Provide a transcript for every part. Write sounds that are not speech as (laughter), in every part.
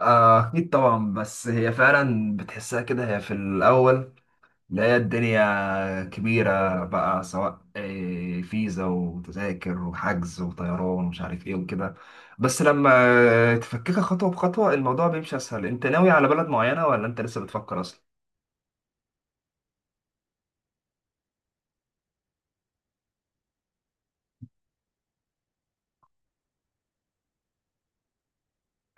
أكيد طبعا، بس هي فعلا بتحسها كده، هي في الأول اللي هي الدنيا كبيرة بقى، سواء فيزا وتذاكر وحجز وطيران ومش عارف إيه وكده. بس لما تفككها خطوة بخطوة الموضوع بيمشي أسهل. أنت ناوي على بلد معينة ولا أنت لسه بتفكر أصلا؟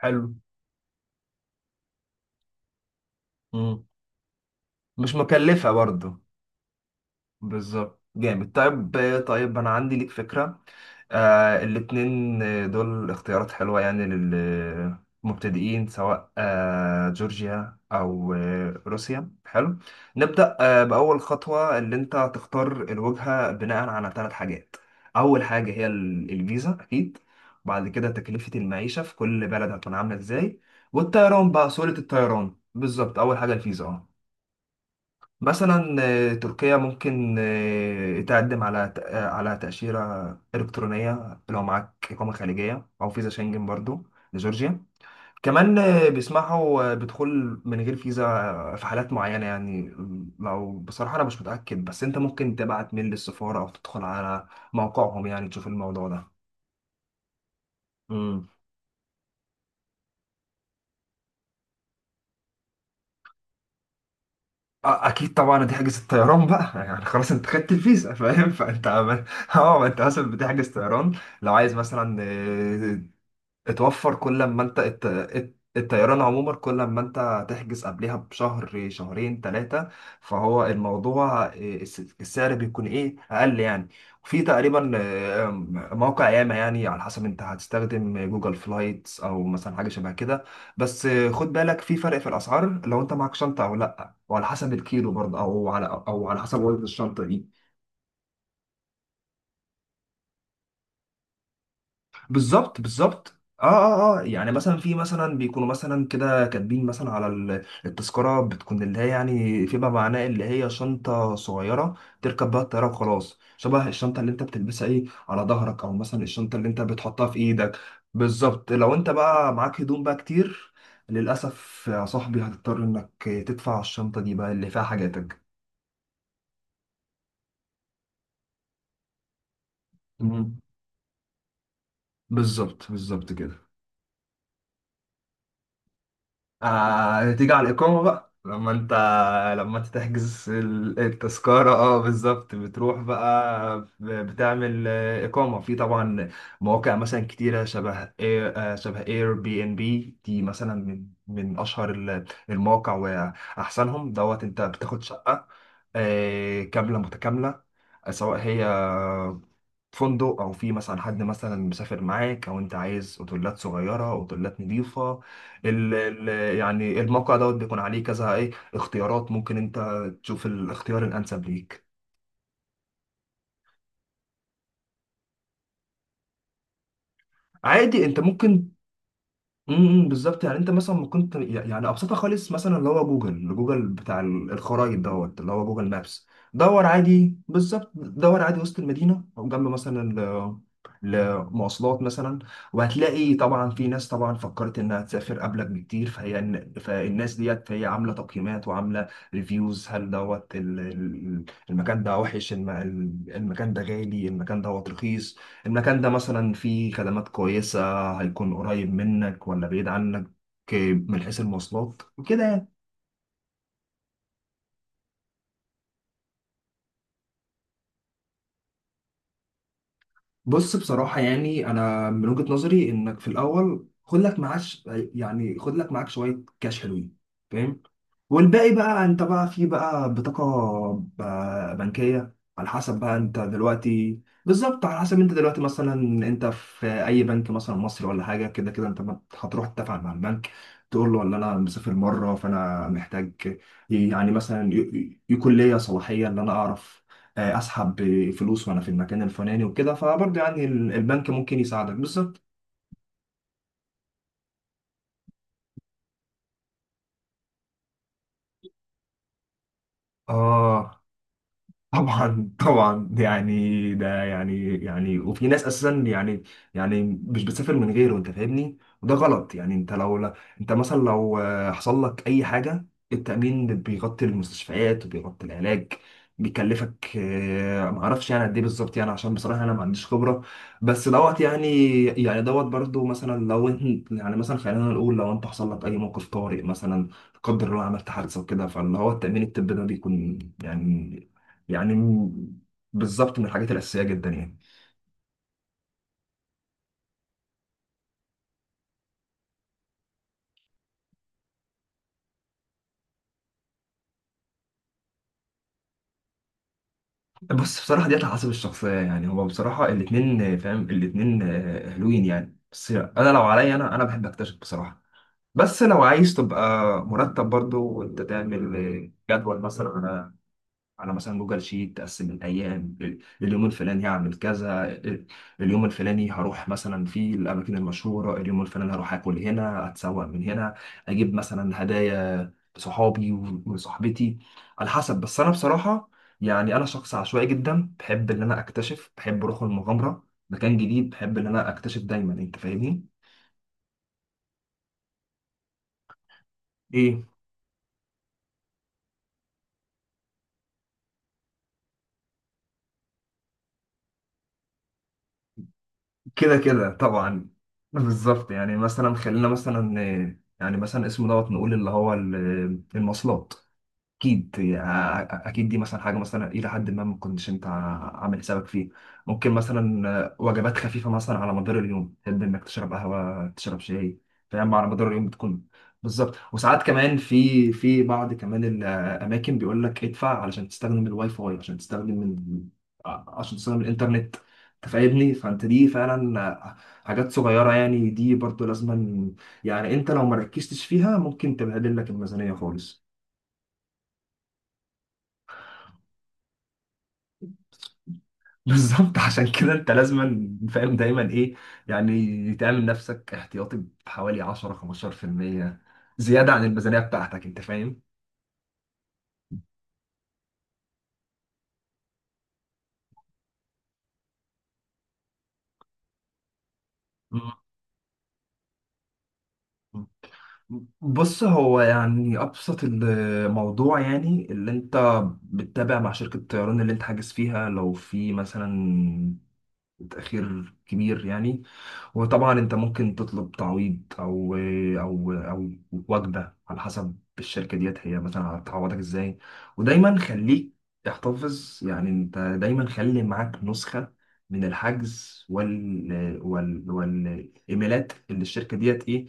حلو. مم. مش مكلفة برضه. بالظبط، جامد. طيب، طيب انا عندي ليك فكره. آه الاتنين، دول اختيارات حلوه يعني للمبتدئين، سواء آه جورجيا او روسيا، حلو. نبدا باول خطوه، اللي انت هتختار الوجهه بناء على ثلاث حاجات. اول حاجه هي الفيزا اكيد، وبعد كده تكلفه المعيشه في كل بلد هتكون عامله ازاي، والطيران بقى سهوله الطيران. بالظبط، اول حاجه الفيزا اه. مثلا تركيا ممكن تقدم على على تأشيرة إلكترونية لو معاك إقامة خارجية أو فيزا شنجن، برضو لجورجيا كمان بيسمحوا بدخول من غير فيزا في حالات معينة يعني. لو بصراحة أنا مش متأكد، بس أنت ممكن تبعت ميل للسفارة أو تدخل على موقعهم يعني تشوف الموضوع ده. مم. أكيد طبعا، دي حجز الطيران بقى (laughs) يعني خلاص أنت خدت الفيزا فاهم، فأنت عمال- (laughs) أه أنت مثلا بتحجز طيران. لو عايز مثلا اتوفر، كل ما انت الطيران عموما، كل ما انت تحجز قبلها بشهر، شهرين، ثلاثة، فهو الموضوع السعر بيكون ايه اقل يعني. في تقريبا موقع ياما يعني، على حسب انت هتستخدم جوجل فلايتس او مثلا حاجة شبه كده. بس خد بالك في فرق في الاسعار لو انت معك شنطة او لا، وعلى حسب الكيلو برضه، او على حسب وزن الشنطة دي. بالظبط بالظبط. اه يعني مثلا مثلا بيكونوا مثلا كده كاتبين مثلا على التذكرة، بتكون اللي هي يعني فيما معناه اللي هي شنطة صغيرة تركب بها الطيارة وخلاص، شبه الشنطة اللي انت بتلبسها ايه على ظهرك، او مثلا الشنطة اللي انت بتحطها في ايدك. بالظبط. لو انت بقى معاك هدوم بقى كتير، للأسف يا صاحبي هتضطر انك تدفع الشنطة دي بقى اللي فيها حاجاتك. مم. بالظبط بالظبط كده. آه تيجي على الإقامة بقى لما انت، لما انت تحجز التذكرة اه بالظبط، بتروح بقى بتعمل إقامة في طبعا مواقع مثلا كتيرة، شبه اير شبه اير بي ان بي دي مثلا، من أشهر المواقع وأحسنهم دوت. انت بتاخد شقة كاملة متكاملة، سواء هي فندق او في مثلا حد مثلا مسافر معاك، او انت عايز اوتيلات صغيره، اوتيلات نظيفه. ال يعني الموقع دوت بيكون عليه كذا ايه اختيارات، ممكن انت تشوف الاختيار الانسب ليك. عادي انت ممكن، بالظبط. يعني انت مثلا ما كنت، يعني ابسطها خالص مثلا اللي هو جوجل بتاع الخرائط دوت، اللي هو جوجل مابس. دور عادي، بالظبط، دور عادي وسط المدينه، او جنب مثلا لمواصلات مثلا. وهتلاقي طبعا في ناس طبعا فكرت انها تسافر قبلك بكتير، فالناس ديت فهي عامله تقييمات وعامله ريفيوز، هل دوت المكان ده وحش، المكان ده غالي، المكان دوت رخيص، المكان ده مثلا فيه خدمات كويسة، هيكون قريب منك ولا بعيد عنك من حيث المواصلات، كده يعني. بص بصراحة يعني أنا من وجهة نظري، إنك في الأول خد لك معاش، يعني خد لك معاك شوية كاش حلوين، فاهم. والباقي بقى انت بقى في بطاقة بنكية، على حسب بقى انت دلوقتي، بالظبط على حسب انت دلوقتي مثلا انت في اي بنك، مثلا مصري ولا حاجة كده. كده انت ما هتروح تتفق مع البنك، تقول له والله انا مسافر مرة، فانا محتاج يعني مثلا يكون ليا صلاحية ان انا اعرف اسحب فلوس وانا في المكان الفلاني وكده، فبرضه يعني البنك ممكن يساعدك بالظبط. اه. طبعا طبعا، يعني ده يعني يعني، وفي ناس اساسا يعني، يعني مش بتسافر من غيره، انت فاهمني، وده غلط يعني. انت لو لا، انت مثلا لو حصل لك اي حاجه، التامين بيغطي المستشفيات وبيغطي العلاج. بيكلفك ما اعرفش يعني قد ايه بالظبط، يعني عشان بصراحه انا ما عنديش خبره. بس دوت يعني يعني دوت برضو، مثلا لو انت يعني مثلا، خلينا نقول لو انت حصل لك اي موقف طارئ، مثلا لا قدر الله عملت حادثه وكده، فاللي هو التامين الطبي ده بيكون يعني، يعني م- بالظبط من الحاجات الأساسية جدا يعني. بص بصراحة ديت على حسب الشخصية، يعني هو بصراحة الاتنين فاهم، الاتنين حلوين يعني. بس أنا لو عليا أنا، بحب أكتشف بصراحة. بس لو عايز تبقى مرتب برضو، وأنت تعمل جدول مثلا على مثلا جوجل شيت، تقسم الايام، اليوم الفلاني هعمل كذا، اليوم الفلاني هروح مثلا في الاماكن المشهوره، اليوم الفلاني هروح اكل هنا، اتسوق من هنا، اجيب مثلا هدايا صحابي وصاحبتي، على حسب. بس انا بصراحه يعني انا شخص عشوائي جدا، بحب ان انا اكتشف، بحب روح المغامره، مكان جديد بحب ان انا اكتشف دايما، انت فاهمني. ايه. كده كده طبعا. بالظبط يعني مثلا، خلينا مثلا يعني مثلا اسمه دوت نقول اللي هو المواصلات، اكيد اكيد دي مثلا حاجه مثلا الى حد ما ما كنتش انت عامل حسابك فيه. ممكن مثلا وجبات خفيفه مثلا على مدار اليوم، تحب انك تشرب قهوه، تشرب شاي، فاهم، على مدار اليوم بتكون، بالظبط. وساعات كمان في بعض الاماكن بيقول لك ادفع علشان تستخدم الواي فاي، عشان تستخدم عشان تستخدم الانترنت. تفاعلني، فانت دي فعلا آه، حاجات صغيره يعني، دي برضو لازما يعني. انت لو ما ركزتش فيها ممكن تبهدل لك الميزانيه خالص. بالظبط، عشان كده انت لازما فاهم دايما ايه، يعني تعمل نفسك احتياطي بحوالي 10 15% زياده عن الميزانيه بتاعتك، انت فاهم. مم. بص هو يعني ابسط الموضوع، يعني اللي انت بتتابع مع شركه الطيران اللي انت حاجز فيها، لو في مثلا تاخير كبير يعني. وطبعا انت ممكن تطلب تعويض او وجبه، على حسب الشركه ديت هي مثلا هتعوضك ازاي. ودايما خليك احتفظ، يعني انت دايما خلي معاك نسخه من الحجز وال وال والايميلات اللي الشركه ديت ايه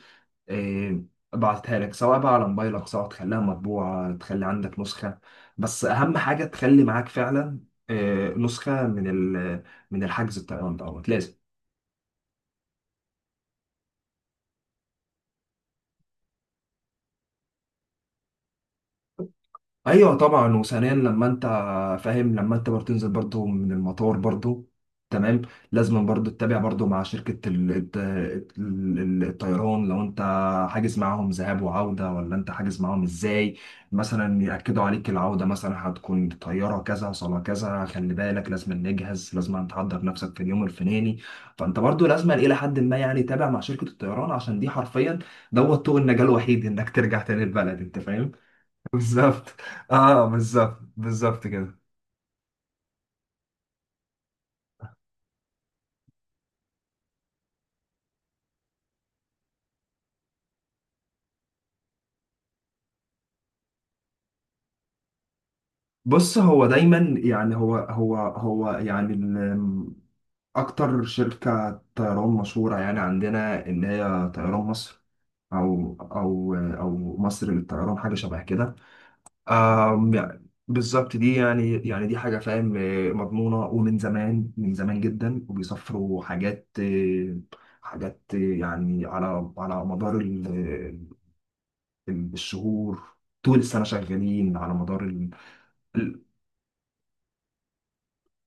إيه، بعتها لك، سواء بقى على موبايلك، سواء تخليها مطبوعه، تخلي عندك نسخه، بس اهم حاجه تخلي معاك فعلا نسخه من ال من الحجز بتاع الطيران دوت لازم. ايوه طبعا. وثانيا لما انت فاهم، لما انت برضه تنزل برضه من المطار برضه تمام، لازم برضه تتابع برضه مع شركة الطيران، لو انت حاجز معاهم ذهاب وعودة ولا انت حاجز معاهم ازاي، مثلا يأكدوا عليك العودة مثلا هتكون طيارة كذا، صالة كذا، خلي بالك لازم نجهز، لازم تحضر نفسك في اليوم الفلاني. فانت برضه لازم الى حد ما يعني تتابع مع شركة الطيران، عشان دي حرفيا دوت طوق النجاة الوحيد انك ترجع تاني البلد، انت فاهم. بالظبط. اه بالظبط بالظبط كده. بص هو دايما يعني هو هو يعني اكتر شركة طيران مشهورة يعني عندنا اللي هي طيران مصر، او مصر للطيران، حاجة شبه كده. يعني بالظبط دي يعني يعني دي حاجة فاهم مضمونة، ومن زمان، من زمان جدا، وبيسافروا حاجات حاجات يعني على على مدار بالشهور، طول السنة شغالين على مدار ال-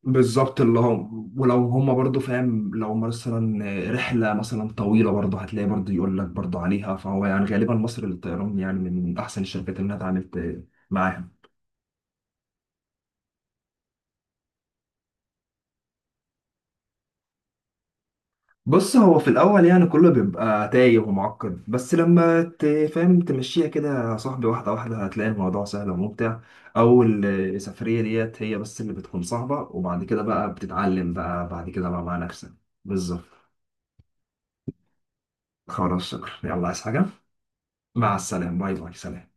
بالظبط. اللي هم، ولو هم برضو فاهم لو مثلا رحلة مثلا طويلة، برضو هتلاقي برضو يقول لك برضو عليها. فهو يعني غالبا مصر للطيران يعني من أحسن الشركات اللي أنا اتعاملت معاها. بص هو في الأول يعني كله بيبقى تايه ومعقد، بس لما تفهم تمشيها كده يا صاحبي واحدة واحدة، هتلاقي الموضوع سهل وممتع. أول سفرية ديت هي بس اللي بتكون صعبة، وبعد كده بقى بتتعلم بقى بعد كده بقى مع نفسك. بالظبط. خلاص شكرا، يلا عايز حاجة؟ مع السلامة، باي باي، سلام.